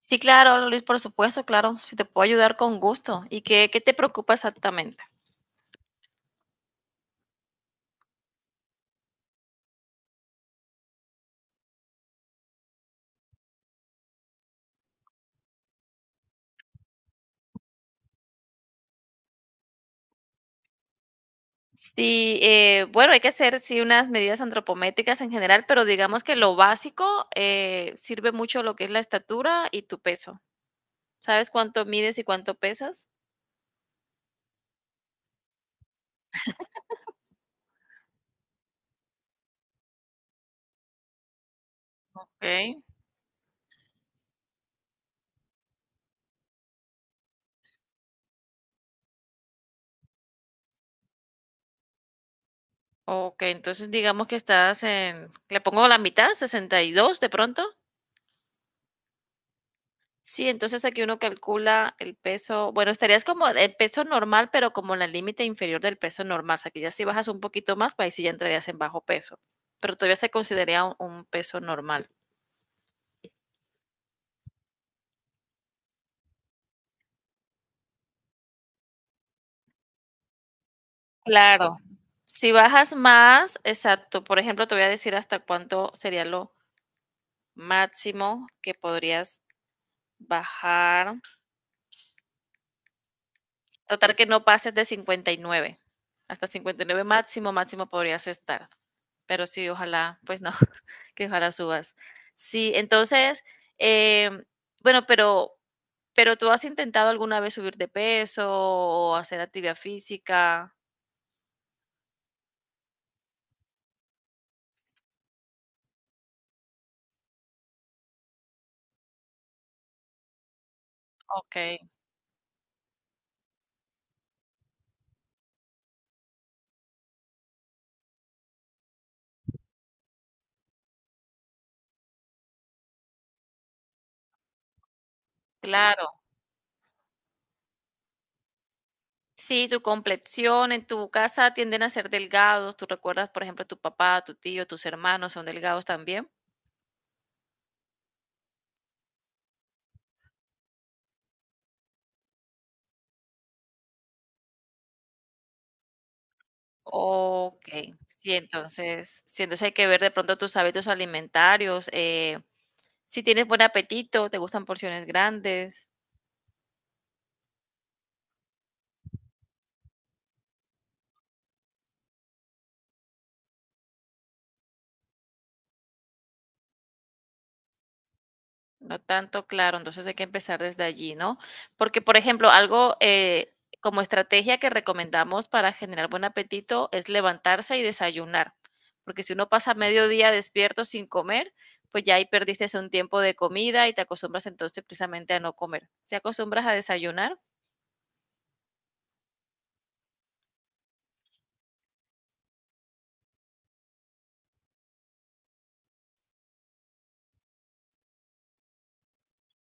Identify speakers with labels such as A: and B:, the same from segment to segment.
A: Sí, claro, Luis, por supuesto, claro. Si te puedo ayudar con gusto. ¿Y qué te preocupa exactamente? Sí, bueno, hay que hacer sí unas medidas antropométricas en general, pero digamos que lo básico sirve mucho lo que es la estatura y tu peso. ¿Sabes cuánto mides y cuánto pesas? Ok, ok, entonces digamos que estás en, le pongo la mitad, 62, de pronto. Sí, entonces aquí uno calcula el peso, bueno, estarías como el peso normal, pero como en el límite inferior del peso normal, o sea, que ya si bajas un poquito más, pues ahí sí ya entrarías en bajo peso, pero todavía se consideraría un peso normal. Claro, si bajas más, exacto, por ejemplo, te voy a decir hasta cuánto sería lo máximo que podrías bajar, tratar que no pases de 59. Hasta 59 máximo, máximo podrías estar, pero sí, ojalá, pues no. Que ojalá subas. Sí, entonces, em, bueno, pero tú has intentado alguna vez subir de peso o hacer actividad física. Okay, claro. Sí, tu complexión en tu casa tienden a ser delgados. ¿Tú recuerdas, por ejemplo, tu papá, tu tío, tus hermanos son delgados también? Ok, sí, entonces hay que ver de pronto tus hábitos alimentarios. Si tienes buen apetito, te gustan porciones grandes. No tanto, claro, entonces hay que empezar desde allí, ¿no? Porque, por ejemplo, algo como estrategia que recomendamos para generar buen apetito es levantarse y desayunar, porque si uno pasa mediodía despierto sin comer, pues ya ahí perdiste un tiempo de comida y te acostumbras entonces precisamente a no comer. ¿Se acostumbras a desayunar?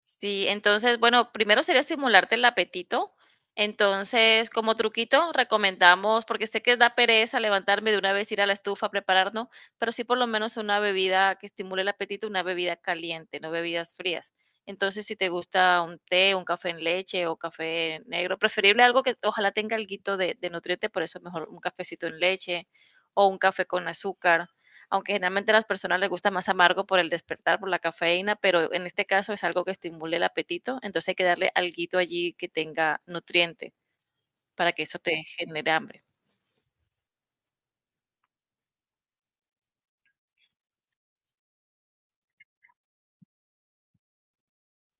A: Sí, entonces, bueno, primero sería estimularte el apetito. Entonces, como truquito, recomendamos, porque sé que da pereza levantarme de una vez, ir a la estufa a prepararnos, pero sí por lo menos una bebida que estimule el apetito, una bebida caliente, no bebidas frías. Entonces, si te gusta un té, un café en leche o café negro, preferible algo que ojalá tenga alguito de nutriente, por eso mejor un cafecito en leche o un café con azúcar, aunque generalmente a las personas les gusta más amargo por el despertar, por la cafeína, pero en este caso es algo que estimule el apetito, entonces hay que darle alguito allí que tenga nutriente para que eso te genere hambre.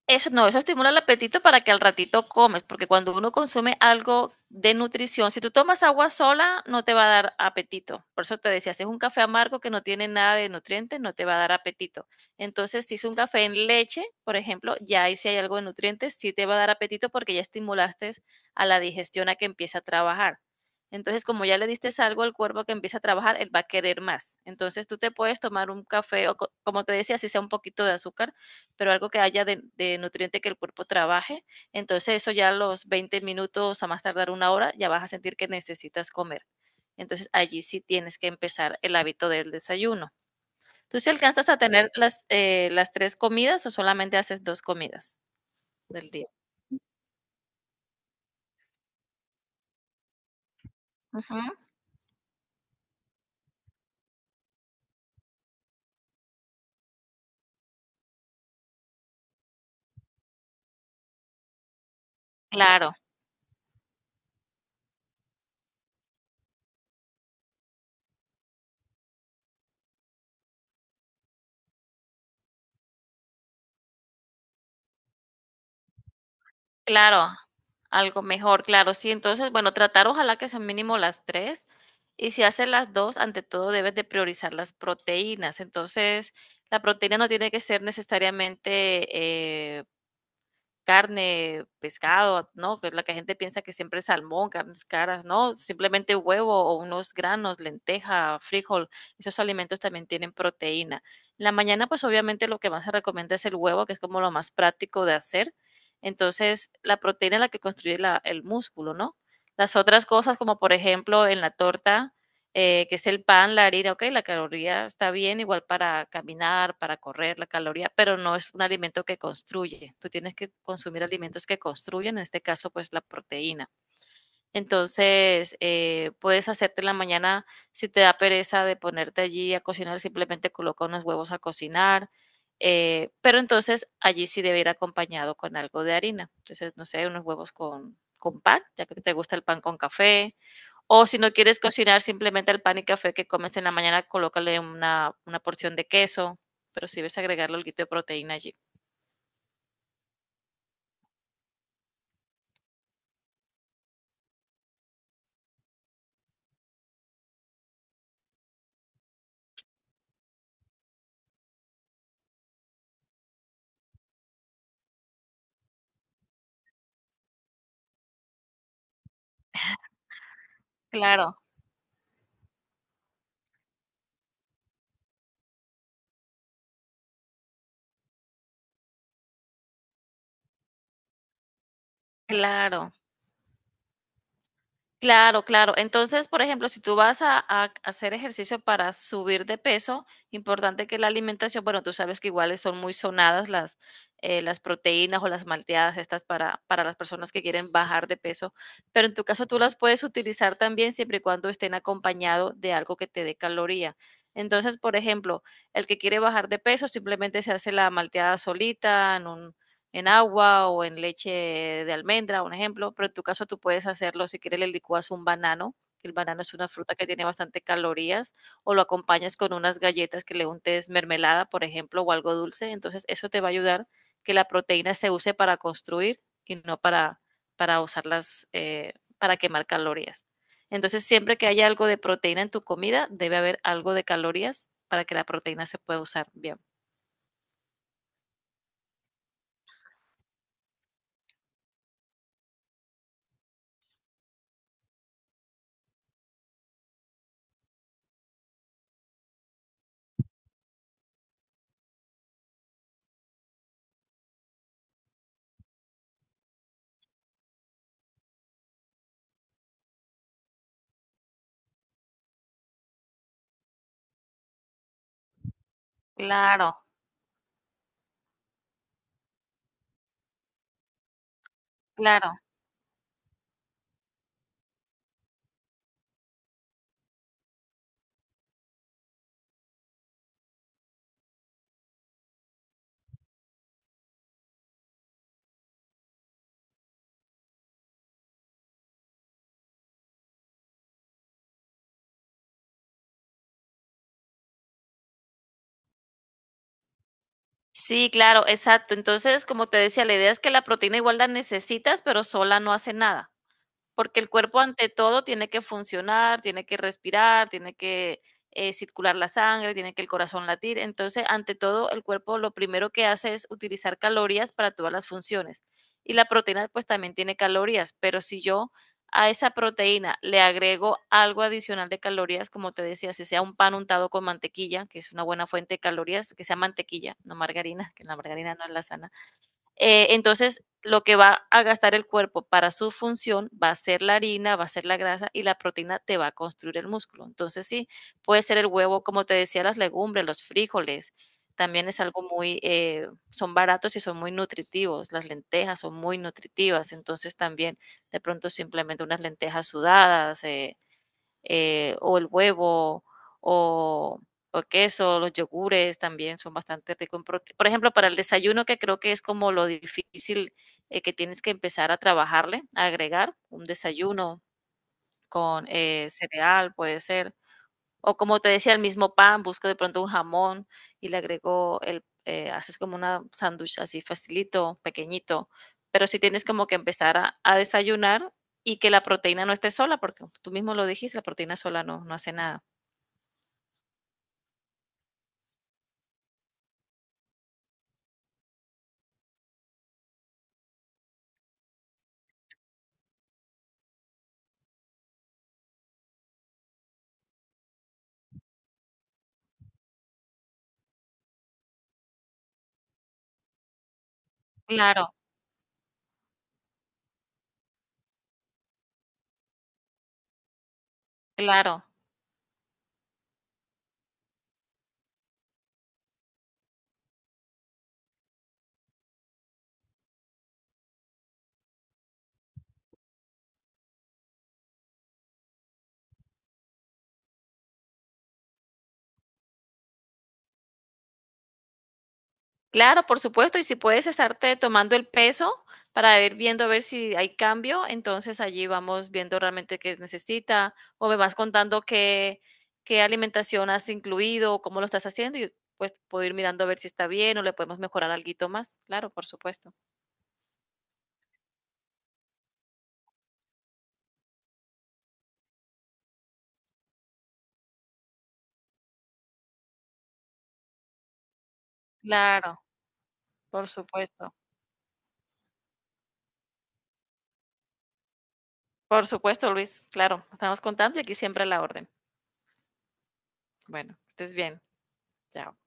A: Eso no, eso estimula el apetito para que al ratito comes, porque cuando uno consume algo de nutrición, si tú tomas agua sola, no te va a dar apetito. Por eso te decía, si es un café amargo que no tiene nada de nutrientes, no te va a dar apetito. Entonces, si es un café en leche, por ejemplo, ya ahí si hay algo de nutrientes, sí te va a dar apetito porque ya estimulaste a la digestión a que empiece a trabajar. Entonces, como ya le diste algo al cuerpo que empieza a trabajar, él va a querer más. Entonces, tú te puedes tomar un café o, como te decía, si sea un poquito de azúcar, pero algo que haya nutriente que el cuerpo trabaje. Entonces eso ya a los 20 minutos, a más tardar una hora, ya vas a sentir que necesitas comer. Entonces allí sí tienes que empezar el hábito del desayuno. ¿Tú si sí alcanzas a tener las tres comidas o solamente haces dos comidas del día? Ujú. Claro. Claro, algo mejor, claro, sí. Entonces, bueno, tratar ojalá que sean mínimo las 3, y si haces las 2, ante todo debes de priorizar las proteínas. Entonces, la proteína no tiene que ser necesariamente, eh, carne, pescado, ¿no? Que es la que la gente piensa que siempre es salmón, carnes caras, ¿no? Simplemente huevo o unos granos, lenteja, frijol, esos alimentos también tienen proteína. En la mañana, pues obviamente lo que más se recomienda es el huevo, que es como lo más práctico de hacer. Entonces, la proteína es la que construye el músculo, ¿no? Las otras cosas, como por ejemplo en la torta, que es el pan, la harina, ok, la caloría está bien, igual para caminar, para correr, la caloría, pero no es un alimento que construye. Tú tienes que consumir alimentos que construyen, en este caso, pues la proteína. Entonces, puedes hacerte en la mañana, si te da pereza de ponerte allí a cocinar, simplemente coloca unos huevos a cocinar, pero entonces allí sí debe ir acompañado con algo de harina. Entonces, no sé, unos huevos con pan, ya que te gusta el pan con café, o si no quieres cocinar, simplemente el pan y café que comes en la mañana, colócale una porción de queso, pero si sí debes agregarle algo de proteína allí. Claro, claro. Claro, claro. Entonces, por ejemplo, si tú vas a hacer ejercicio para subir de peso, importante que la alimentación, bueno, tú sabes que iguales son muy sonadas las proteínas o las malteadas estas para, las personas que quieren bajar de peso, pero en tu caso tú las puedes utilizar también siempre y cuando estén acompañado de algo que te dé caloría. Entonces, por ejemplo, el que quiere bajar de peso simplemente se hace la malteada solita en un en agua o en leche de almendra, un ejemplo, pero en tu caso tú puedes hacerlo, si quieres le licuas un banano, que el banano es una fruta que tiene bastante calorías, o lo acompañas con unas galletas que le untes mermelada, por ejemplo, o algo dulce, entonces eso te va a ayudar que la proteína se use para construir y no para usarlas, para quemar calorías. Entonces, siempre que haya algo de proteína en tu comida, debe haber algo de calorías para que la proteína se pueda usar bien. Claro, claro. Sí, claro, exacto. Entonces, como te decía, la idea es que la proteína igual la necesitas, pero sola no hace nada. Porque el cuerpo ante todo tiene que funcionar, tiene que respirar, tiene que circular la sangre, tiene que el corazón latir. Entonces, ante todo, el cuerpo lo primero que hace es utilizar calorías para todas las funciones. Y la proteína pues también tiene calorías, pero si yo a esa proteína le agrego algo adicional de calorías, como te decía, si sea un pan untado con mantequilla, que es una buena fuente de calorías, que sea mantequilla, no margarina, que la margarina no es la sana. Entonces, lo que va a gastar el cuerpo para su función va a ser la harina, va a ser la grasa y la proteína te va a construir el músculo. Entonces, sí, puede ser el huevo, como te decía, las legumbres, los frijoles, también es algo son baratos y son muy nutritivos. Las lentejas son muy nutritivas, entonces también de pronto simplemente unas lentejas sudadas, o el huevo, o, o queso, los yogures también son bastante ricos en proteína. Por ejemplo, para el desayuno, que creo que es como lo difícil, que tienes que empezar a trabajarle, a agregar un desayuno con cereal, puede ser, o como te decía, el mismo pan, busco de pronto un jamón y le agrego haces como una sándwich así facilito, pequeñito. Pero sí tienes como que empezar a desayunar y que la proteína no esté sola, porque tú mismo lo dijiste, la proteína sola no, no hace nada. Claro, claro. Claro, por supuesto, y si puedes estarte tomando el peso para ir viendo a ver si hay cambio, entonces allí vamos viendo realmente qué necesita o me vas contando qué alimentación has incluido o cómo lo estás haciendo y pues puedo ir mirando a ver si está bien o le podemos mejorar alguito más. Claro, por supuesto. Claro, por supuesto. Por supuesto, Luis. Claro, estamos contando y aquí siempre a la orden. Bueno, que estés bien. Chao.